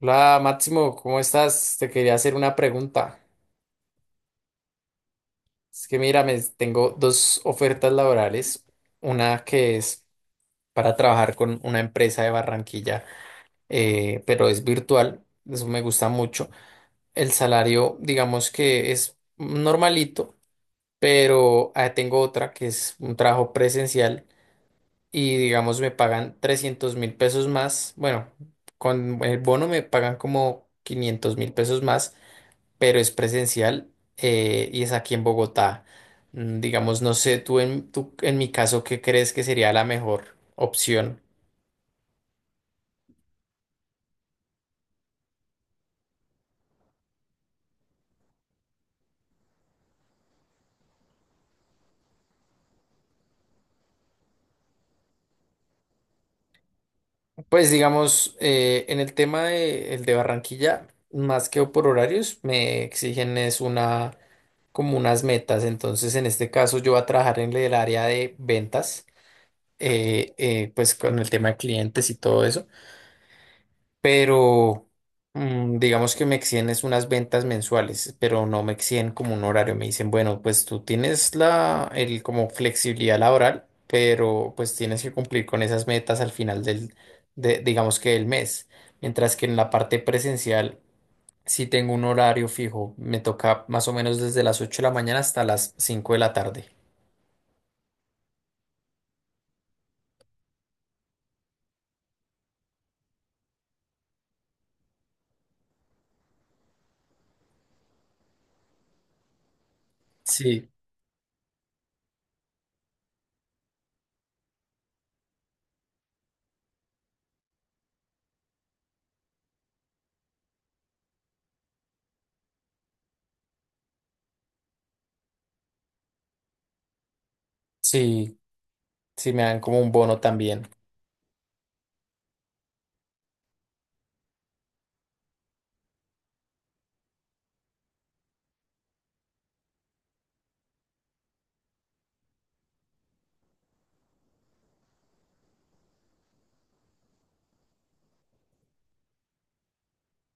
Hola Máximo, ¿cómo estás? Te quería hacer una pregunta. Es que mira, me tengo dos ofertas laborales. Una que es para trabajar con una empresa de Barranquilla, pero es virtual. Eso me gusta mucho. El salario, digamos que es normalito, pero tengo otra que es un trabajo presencial y digamos me pagan 300.000 pesos más. Bueno, con el bono me pagan como 500.000 pesos más, pero es presencial, y es aquí en Bogotá. Digamos, no sé, en mi caso, ¿qué crees que sería la mejor opción? Pues digamos, en el tema de, el de Barranquilla, más que por horarios, me exigen es una, como unas metas. Entonces, en este caso, yo voy a trabajar en el área de ventas, pues con el tema de clientes y todo eso. Pero digamos que me exigen es unas ventas mensuales, pero no me exigen como un horario. Me dicen, bueno, pues tú tienes la, el como flexibilidad laboral, pero pues tienes que cumplir con esas metas al final digamos que del mes. Mientras que en la parte presencial sí tengo un horario fijo. Me toca más o menos desde las 8 de la mañana hasta las 5 de la tarde. Sí, sí, sí, me dan como un bono también,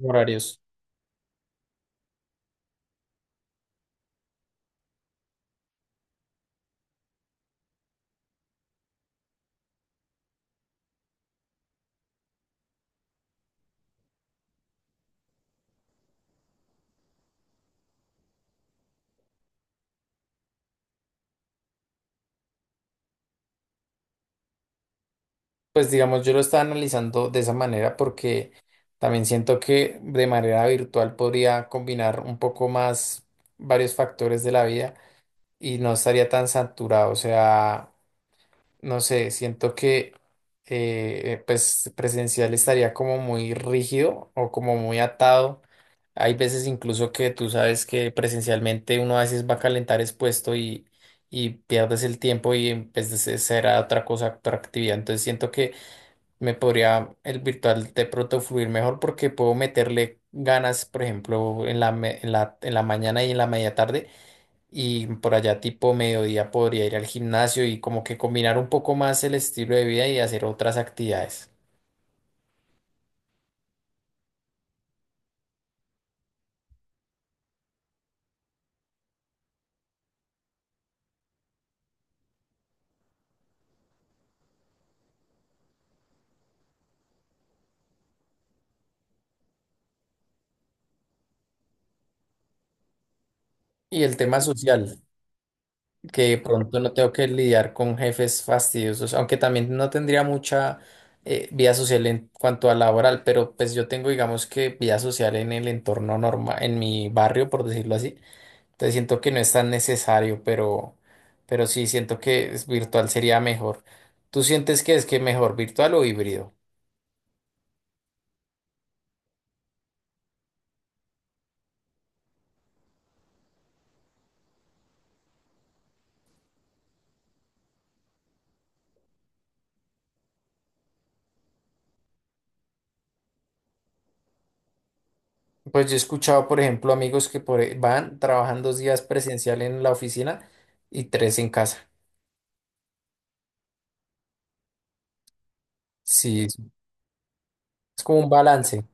horarios. Pues digamos, yo lo estaba analizando de esa manera porque también siento que de manera virtual podría combinar un poco más varios factores de la vida y no estaría tan saturado. O sea, no sé, siento que pues presencial estaría como muy rígido o como muy atado. Hay veces incluso que tú sabes que presencialmente uno a veces va a calentar expuesto y pierdes el tiempo y en vez de será otra cosa, otra actividad. Entonces siento que me podría el virtual de pronto fluir mejor porque puedo meterle ganas, por ejemplo, en la mañana y en la media tarde, y por allá tipo mediodía podría ir al gimnasio y como que combinar un poco más el estilo de vida y hacer otras actividades. Y el tema social, que de pronto no tengo que lidiar con jefes fastidiosos, aunque también no tendría mucha vida social en cuanto a laboral, pero pues yo tengo, digamos que vida social en el entorno normal, en mi barrio, por decirlo así. Te siento que no es tan necesario, pero sí siento que es virtual sería mejor. ¿Tú sientes que es que mejor virtual o híbrido? Pues yo he escuchado, por ejemplo, amigos que trabajan 2 días presencial en la oficina y 3 en casa. Sí, es como un balance,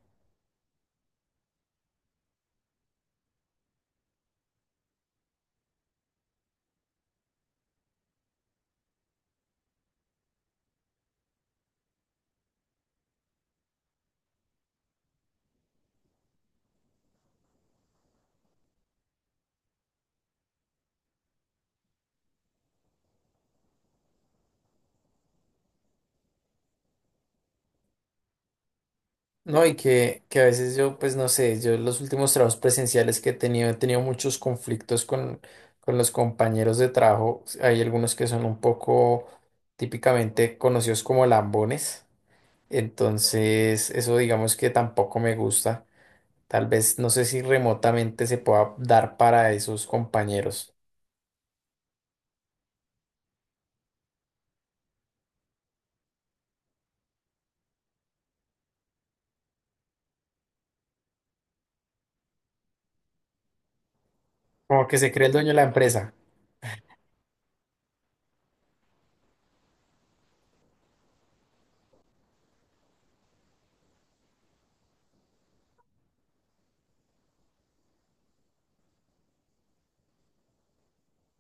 ¿no? Y que a veces yo, pues no sé, yo los últimos trabajos presenciales que he tenido muchos conflictos con los compañeros de trabajo. Hay algunos que son un poco típicamente conocidos como lambones. Entonces, eso digamos que tampoco me gusta. Tal vez no sé si remotamente se pueda dar para esos compañeros. Como que se cree el dueño de la empresa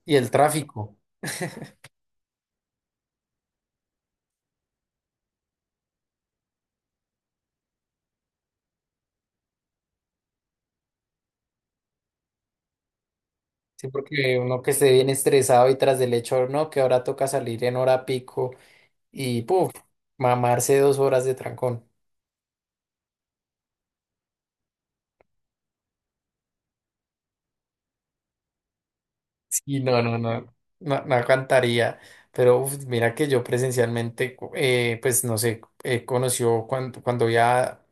y el tráfico. Sí, porque uno que esté bien estresado y tras del hecho, no, que ahora toca salir en hora pico y puf, mamarse 2 horas de trancón. Sí, no, no, no, no, no aguantaría. Pero uf, mira que yo presencialmente, pues no sé, conoció cuando, cuando ya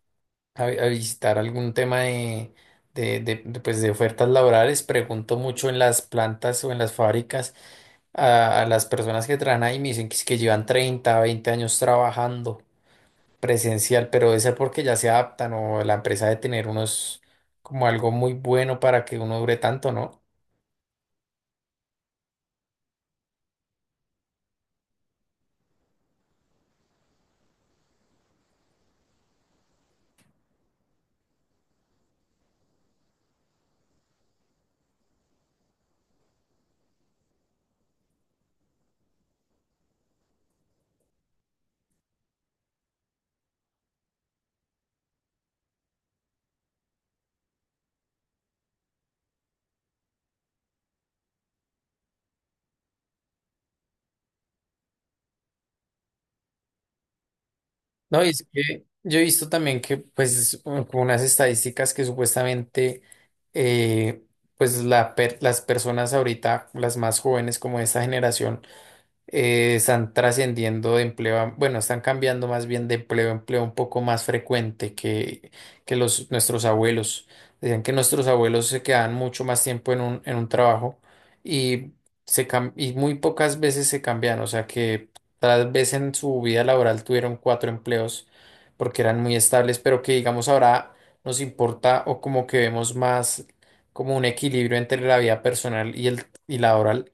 a visitar algún tema pues, de ofertas laborales, pregunto mucho en las plantas o en las fábricas a las personas que trabajan ahí, me dicen que, es que llevan 30 20 años trabajando presencial, pero debe ser porque ya se adaptan o la empresa debe tener unos como algo muy bueno para que uno dure tanto, ¿no? No, y es que yo he visto también que pues como unas estadísticas que supuestamente eh, pues la las personas ahorita, las más jóvenes como de esta generación, están trascendiendo de empleo, bueno, están cambiando más bien de empleo a empleo un poco más frecuente que los, nuestros abuelos. Decían que nuestros abuelos se quedaban mucho más tiempo en un trabajo y, y muy pocas veces se cambian, o sea que tal vez en su vida laboral tuvieron cuatro empleos porque eran muy estables, pero que digamos ahora nos importa o como que vemos más como un equilibrio entre la vida personal y, el, y laboral,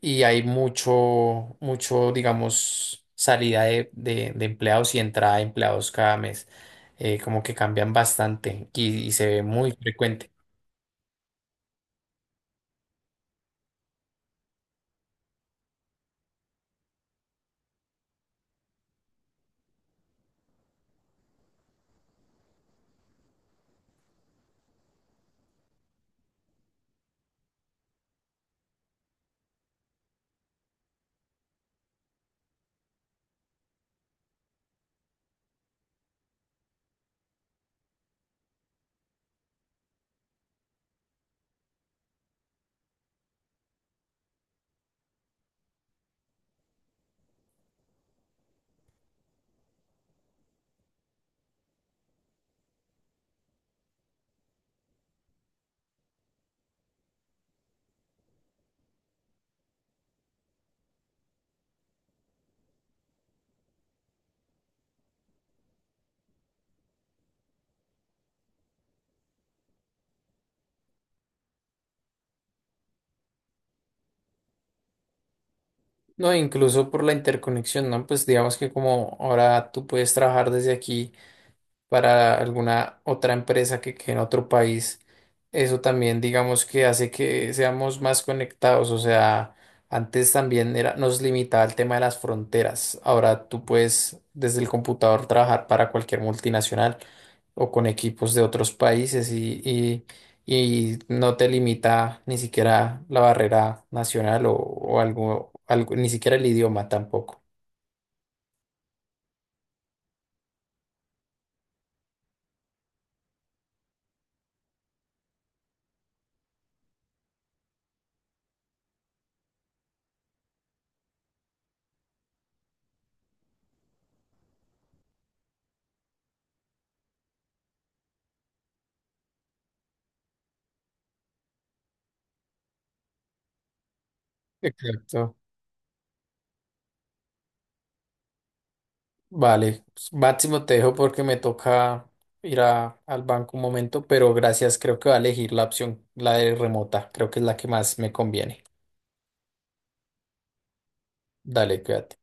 y hay mucho, mucho, digamos, salida de empleados y entrada de empleados cada mes. Como que cambian bastante y se ve muy frecuente. No, incluso por la interconexión, ¿no? Pues digamos que como ahora tú puedes trabajar desde aquí para alguna otra empresa que en otro país. Eso también, digamos que hace que seamos más conectados. O sea, antes también era, nos limitaba el tema de las fronteras. Ahora tú puedes desde el computador trabajar para cualquier multinacional o con equipos de otros países y no te limita ni siquiera la barrera nacional o algo, ni siquiera el idioma tampoco. Exacto. Vale, pues, Máximo, te dejo porque me toca ir al banco un momento, pero gracias, creo que va a elegir la opción, la de remota, creo que es la que más me conviene. Dale, cuídate.